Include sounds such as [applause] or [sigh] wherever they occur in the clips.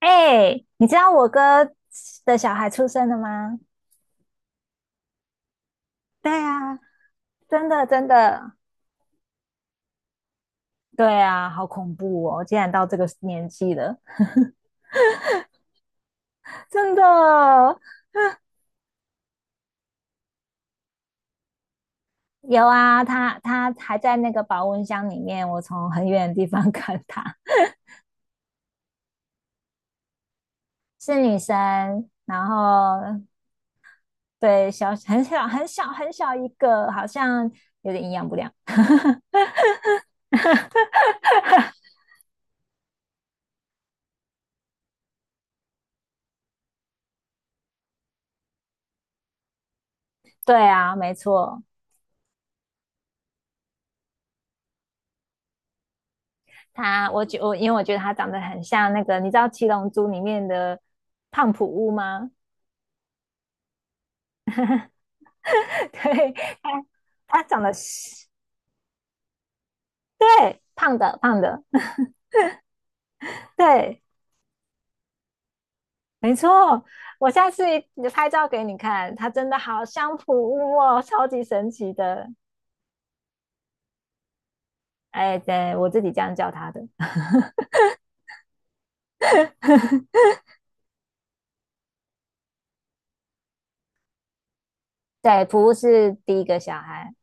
哎，你知道我哥的小孩出生了吗？对啊，真的，真的。对啊，好恐怖哦！竟然到这个年纪了，真的有啊。他还在那个保温箱里面，我从很远的地方 [laughs] 看他，是女生，然后对小很小很小很小一个，好像有点营养不良。[laughs] 对啊，没错。他，我觉我因为我觉得他长得很像那个，你知道《七龙珠》里面的胖普乌吗？[laughs] 对，他他长得是对胖的胖的，[laughs] 对，没错。我下次拍照给你看，他真的好像普乌哦，超级神奇的。哎，对，我自己这样叫他的。[laughs] 对，普乌是第一个小孩。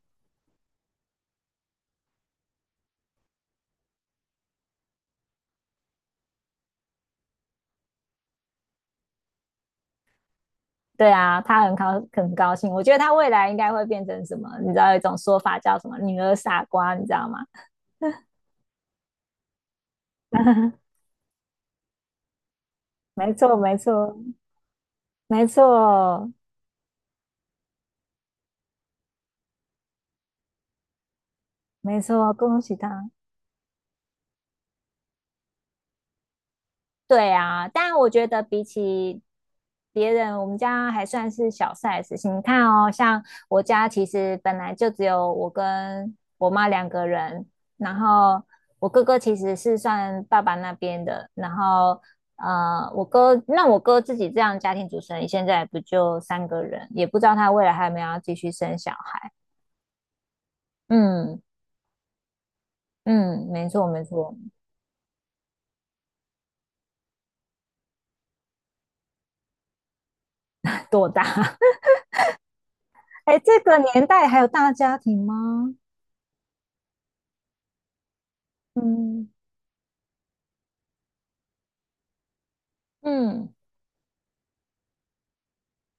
对啊，他很高兴，我觉得他未来应该会变成什么？你知道有一种说法叫什么"女儿傻瓜"，你知道吗？[laughs] 没错，没错，没错，没错，恭喜他。对啊，但我觉得比起别人，我们家还算是小 size 你看哦，像我家其实本来就只有我跟我妈两个人，然后我哥哥其实是算爸爸那边的，然后我哥自己这样家庭主持人，现在不就三个人，也不知道他未来还有没有要继续生小孩。嗯嗯，没错没错，[laughs] 多大？哎，这个年代还有大家庭吗？嗯嗯，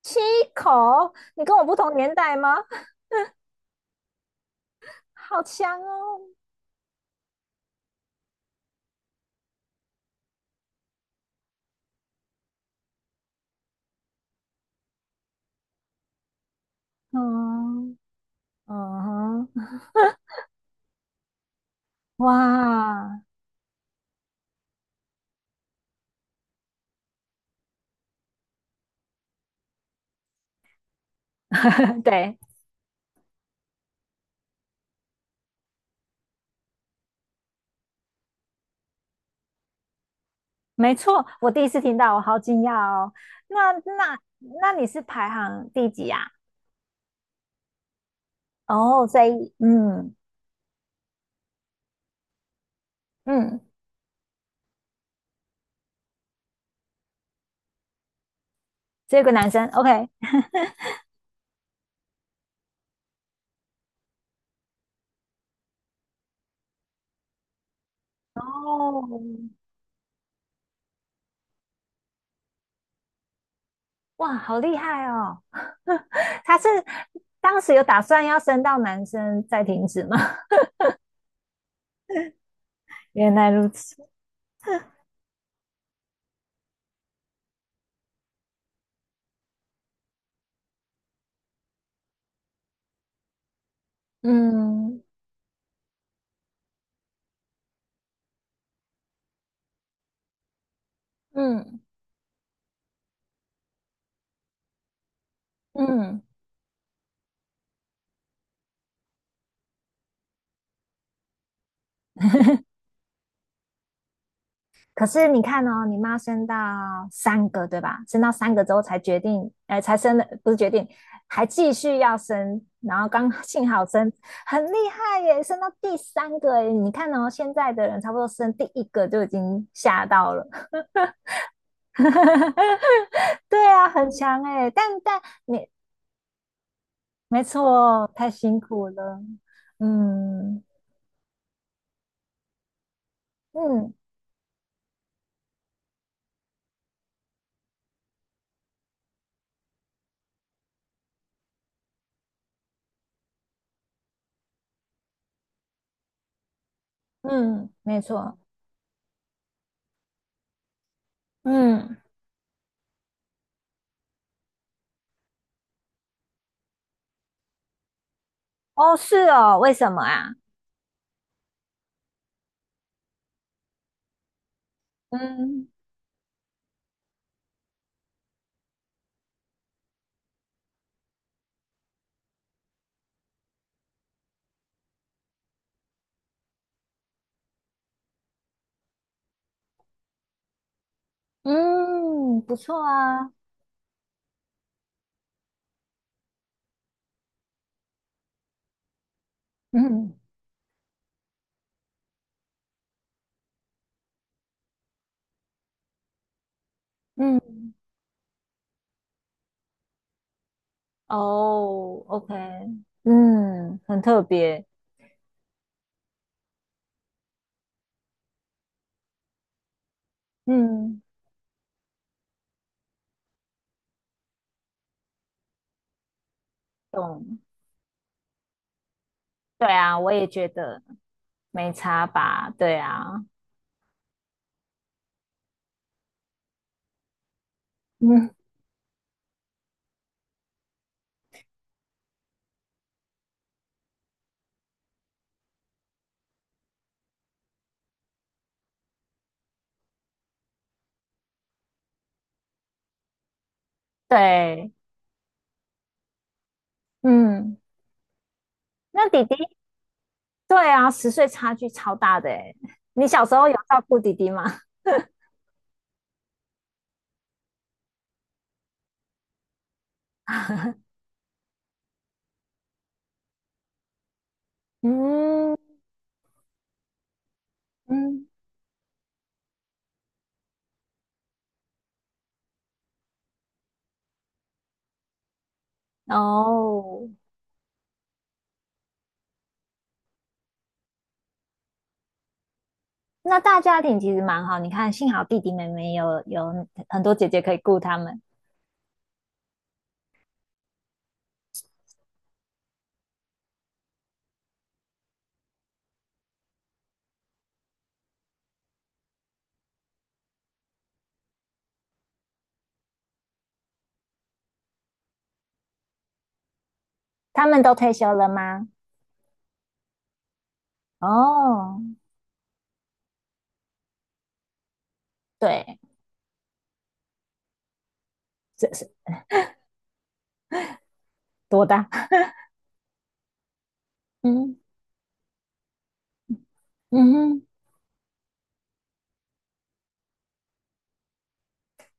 七口，你跟我不同年代吗？[laughs] 好强哦！嗯嗯哇，[laughs] 对，没错，我第一次听到，我好惊讶哦。那你是排行第几啊？哦，所以嗯嗯，只有一个男生，OK。哦，哇，好厉害哦！[laughs] 他是当时有打算要生到男生再停止吗？[laughs] 原来如此，嗯嗯嗯。可是你看哦，你妈生到三个，对吧？生到三个之后才决定，哎、才生的，不是决定，还继续要生，然后刚 [laughs] 幸好生，很厉害耶，生到第三个耶。你看哦，现在的人差不多生第一个就已经吓到了。[laughs] [laughs] 对啊，很强哎、但你没错，太辛苦了。嗯嗯嗯，没错。嗯，哦，是哦，为什么啊？嗯嗯，不错啊。嗯嗯，哦，OK，嗯，很特别。嗯，懂。对啊，我也觉得没差吧。对啊，嗯，对，嗯，那弟弟。对啊，10岁差距超大的哎。你小时候有照顾弟弟吗？嗯嗯，哦，那大家庭其实蛮好。你看，幸好弟弟妹妹有很多姐姐可以顾他们。他们都退休了吗？哦，对，这是多大？[laughs] 嗯嗯哼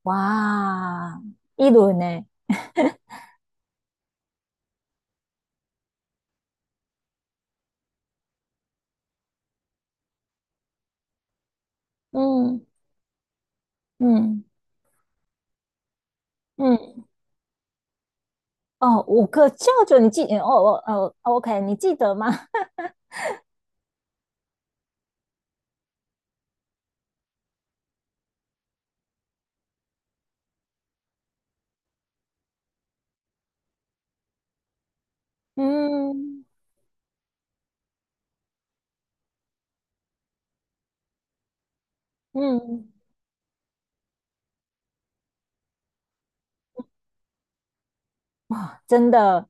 哇，一轮呢？嗯嗯嗯，哦，五个舅舅，你记？哦哦哦，OK，你记得吗？[laughs] 嗯嗯。真的，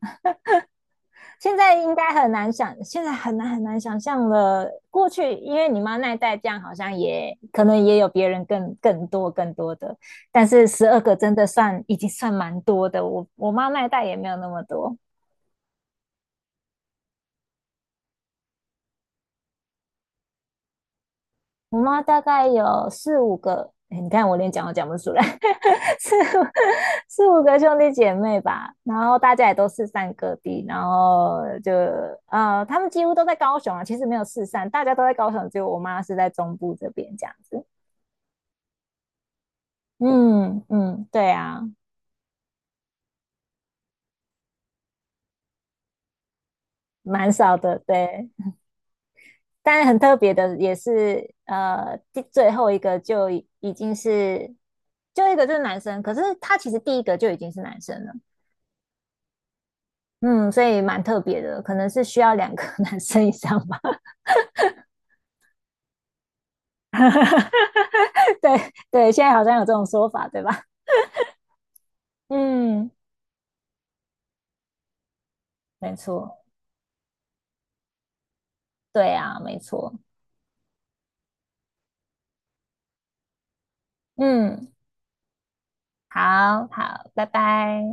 现在应该很难想，现在很难很难想象了。过去因为你妈那一代这样，好像也可能也有别人更多更多的，但是12个真的算已经算蛮多的。我妈那一代也没有那么多。我妈大概有四五个，哎你看我连讲都讲不出来，[laughs] 四五四五个兄弟姐妹吧，然后大家也都四散各地，然后就他们几乎都在高雄啊，其实没有四散，大家都在高雄，只有我妈是在中部这边这样子。嗯嗯，对啊，蛮少的，对。但很特别的也是，最后一个就已经是，就一个就是男生，可是他其实第一个就已经是男生了。嗯，所以蛮特别的，可能是需要两个 [laughs] 男生以上吧。[laughs] 对对，现在好像有这种说法，对吧？嗯，没错，对啊，没错。嗯，好好，拜拜。